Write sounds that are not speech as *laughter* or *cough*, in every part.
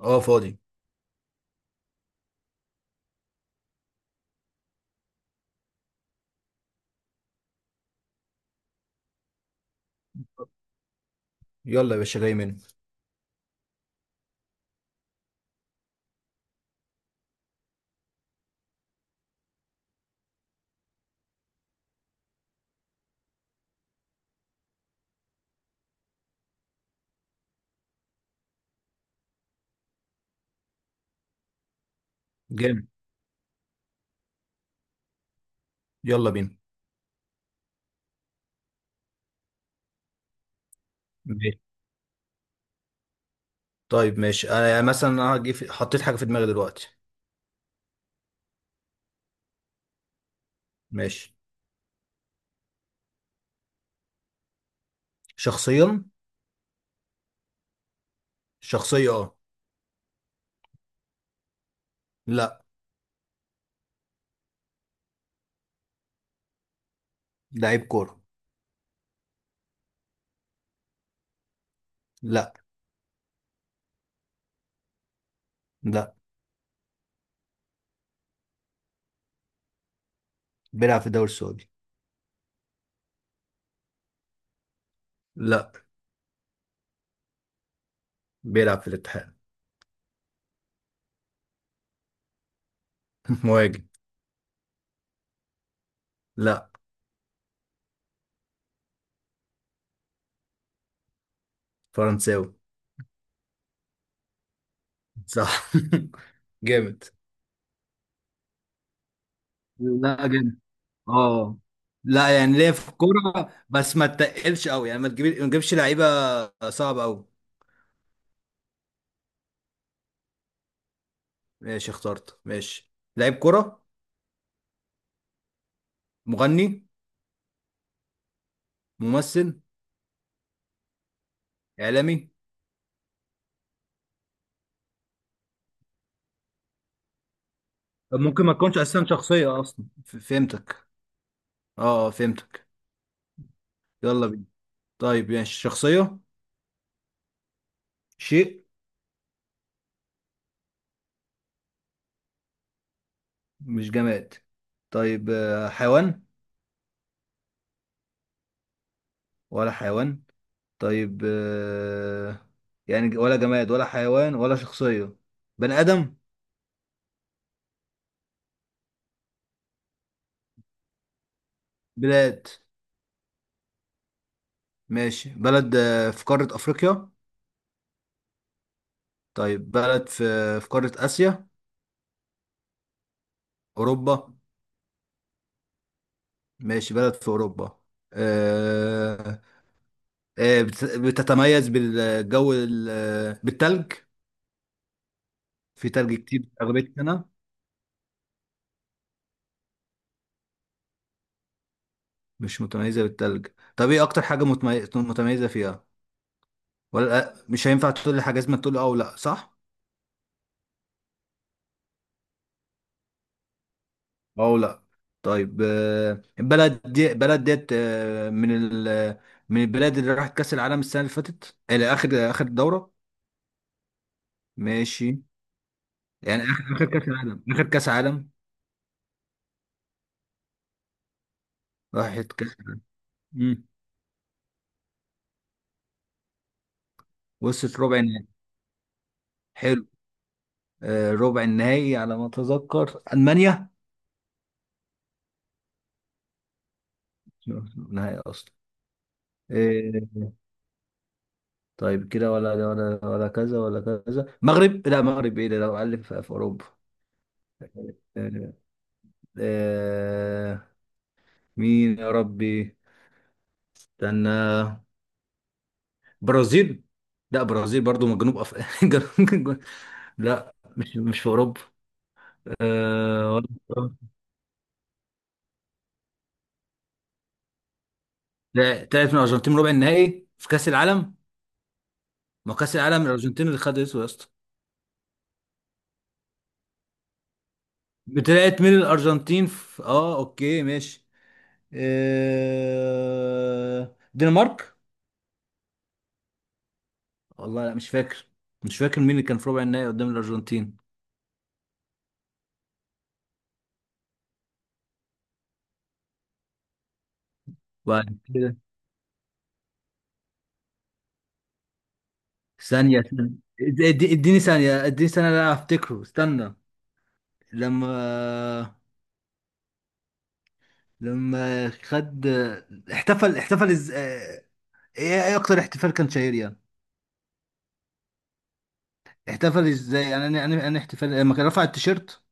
اه، فاضي. يلا يا باشا، جاي منه. جامد. يلا بينا. ماشي. طيب ماشي، انا يعني مثلا انا هجي في... حطيت حاجه في دماغي دلوقتي. ماشي. شخصيا. شخصيه اه. لا. لعيب كوره. لا. لا. بيلعب في الدوري السعودي. لا. بيلعب في الاتحاد. *laughs* مهاجم. لا. فرنساوي. صح. *laughs* جامد. لا جامد. اه. لا يعني ليه في الكوره بس ما تتقلش قوي، يعني ما تجيبش لعيبه صعبه قوي. ماشي اخترت. ماشي. لعيب كوره. مغني. ممثل. اعلامي. طب ممكن ما تكونش اساسا شخصيه اصلا. فهمتك. اه، فهمتك. يلا بينا. طيب، يعني شخصية. شيء. مش جماد. طيب، حيوان. ولا حيوان. طيب، يعني ولا جماد ولا حيوان ولا شخصية. بني آدم. بلاد. ماشي، بلد في قارة أفريقيا؟ طيب، بلد في في قارة آسيا؟ أوروبا. ماشي، بلد في أوروبا. آه، بتتميز بالجو بالتلج. في تلج كتير أغلبية السنة. مش متميزة بالتلج. طب ايه أكتر حاجة متميزة فيها؟ ولا لأ؟ مش هينفع تقول لي حاجة، لازم تقول أه ولا صح؟ أه ولا. طيب، البلد دي بلد ديت، من ال، من البلاد اللي راحت كأس العالم السنة اللي فاتت، إلى آخر آخر دورة. ماشي. يعني آخر آخر كأس العالم، آخر كأس عالم. راحت كأس العالم. مم. وصلت ربع النهائي. حلو. ربع النهائي على ما اتذكر المانيا. نهائي اصلا. آه، طيب كده ولا ولا ولا كذا ولا كذا؟ مغرب؟ لا مغرب ايه ده، لو قال في اوروبا. آه، آه، مين يا ربي؟ استنى. برازيل. لا برازيل برضو من جنوب افريقيا. *laughs* لا، مش في اوروبا. آه، ولا- لا طلعت من الارجنتين ربع النهائي في كاس العالم. ما هو كاس العالم الارجنتين اللي خدته يا اسطى. طلعت من الارجنتين في... اه اوكي ماشي. دنمارك. والله لا، مش فاكر. مش فاكر مين اللي كان في ربع النهائي قدام الارجنتين. وبعد كده؟ ثانية. اديني ثانيه، اديني ثانيه، لا افتكره استنى. لما، لما خد، احتفل احتفل از... اه، ايه، ايه اكتر احتفال كان شهير يعني؟ احتفل ازاي يعني؟ انا احتفال لما كان رفع التيشيرت.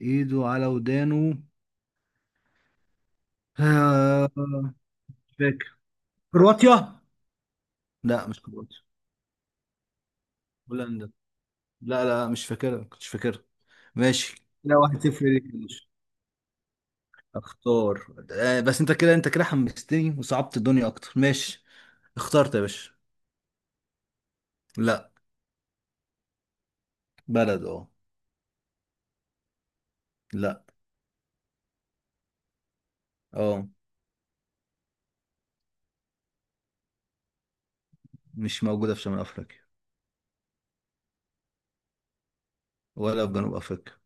ايده على ودانه. آه، مش فاكر. كرواتيا. لا مش كرواتيا. هولندا. لا لا، مش فاكرها، كنتش فاكرها. ماشي، لا واحد صفر ليك يا باشا. اختار. آه بس انت كده، انت كده حمستني وصعبت الدنيا اكتر. ماشي اخترت يا باشا. لا. بلد اه. لا. اه. مش موجودة في شمال افريقيا. ولا في جنوب افريقيا.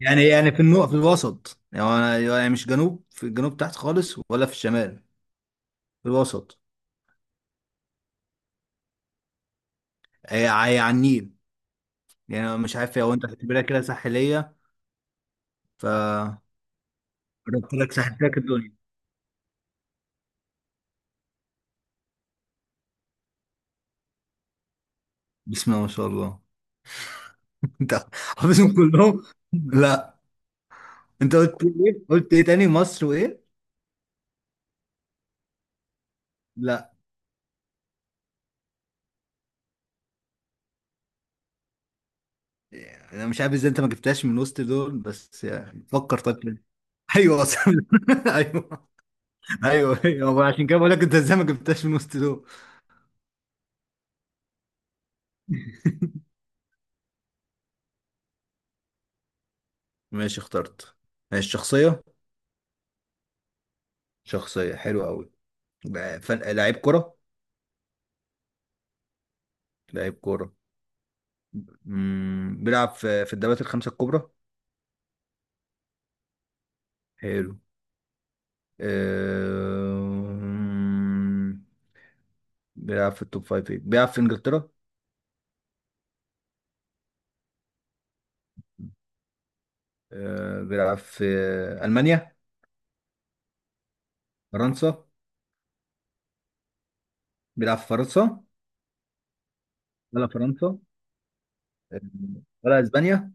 يعني في النقط، في الوسط يعني، يعني مش جنوب في الجنوب تحت خالص ولا في الشمال. في الوسط. هي على النيل. يعني أنا مش عارف هو انت هتعتبرها كده ساحلية. ف، قلت لك ساحلتك الدنيا. بسم الله ما شاء الله، انت حافظهم كلهم. لا. انت قلت ايه؟ قلت ايه تاني؟ مصر وايه؟ لا. انا مش عارف ازاي انت ما جبتهاش من وسط دول، بس يعني فكر طيب كده. ايوه اصلا *laughs* ايوه ايوه ايوه، عشان كده بقول لك انت ازاي ما جبتهاش من وسط دول. ماشي اخترت. ماشي شخصيه. شخصيه حلوه قوي. لعيب كره. لعيب كره. مم، بيلعب في الدوريات الخمسه الكبرى. حلو. أه... بيلعب في التوب فايف، بيلعب في انجلترا. بيلعب في ألمانيا. فرنسا. بيلعب في فرنسا. ولا فرنسا. آه، ولا اسبانيا.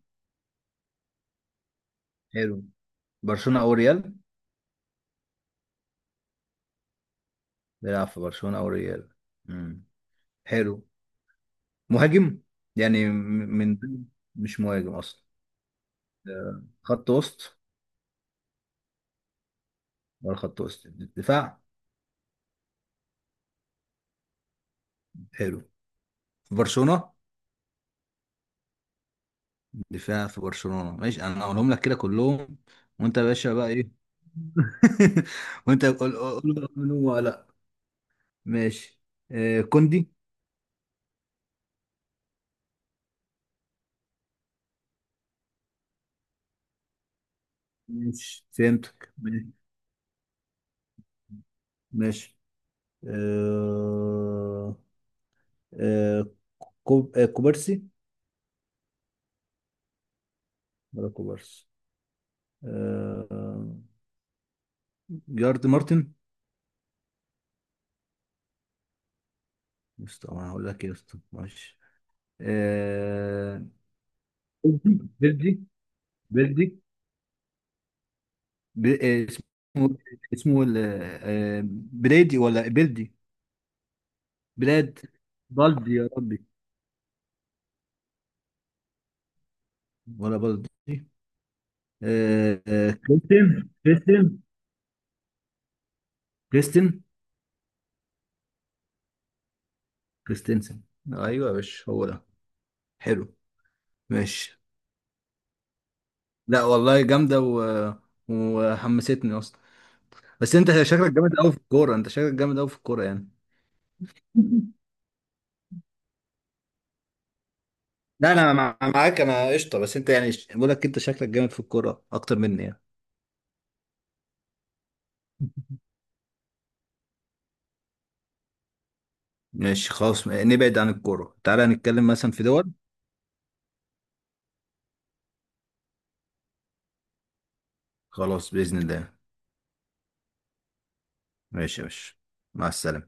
حلو. برشلونة او ريال. بيلعب في برشلونة او ريال. مم. حلو. مهاجم. يعني م- من، مش مهاجم اصلا. خط وسط. ولا خط وسط. دفاع. حلو. في برشلونة. دفاع في برشلونة. ماشي، انا هقولهم لك كده كلهم، وانت يا باشا بقى ايه. *laughs* وانت قول ولا لا. ماشي. كوندي. ماشي فهمتك. ماشي. ماشي. آه... آه... كوبارسي. ولا كوبارسي. آه... جارد مارتن. بس طبعا هقول لك ايه يا اسطى، ماشي. آه... بيلدي، بيلدي. اسمه، اسمه ال... آه... بريدي ولا بيلدي. بلاد. بالدي يا ربي. ولا بالدي. كريستين. كريستين. كريستنسن. ايوه يا باشا هو ده. حلو. ماشي. لا والله جامده، وحمستني اصلا. بس انت شكلك جامد قوي في الكوره، يعني. *laughs* لا انا معاك، انا قشطه، بس انت يعني بقول لك انت شكلك جامد في الكوره اكتر مني يعني. ماشي خلاص، نبعد عن الكوره، تعالى نتكلم مثلا في دول. خلاص باذن الله. ماشي يا باشا، مع السلامه.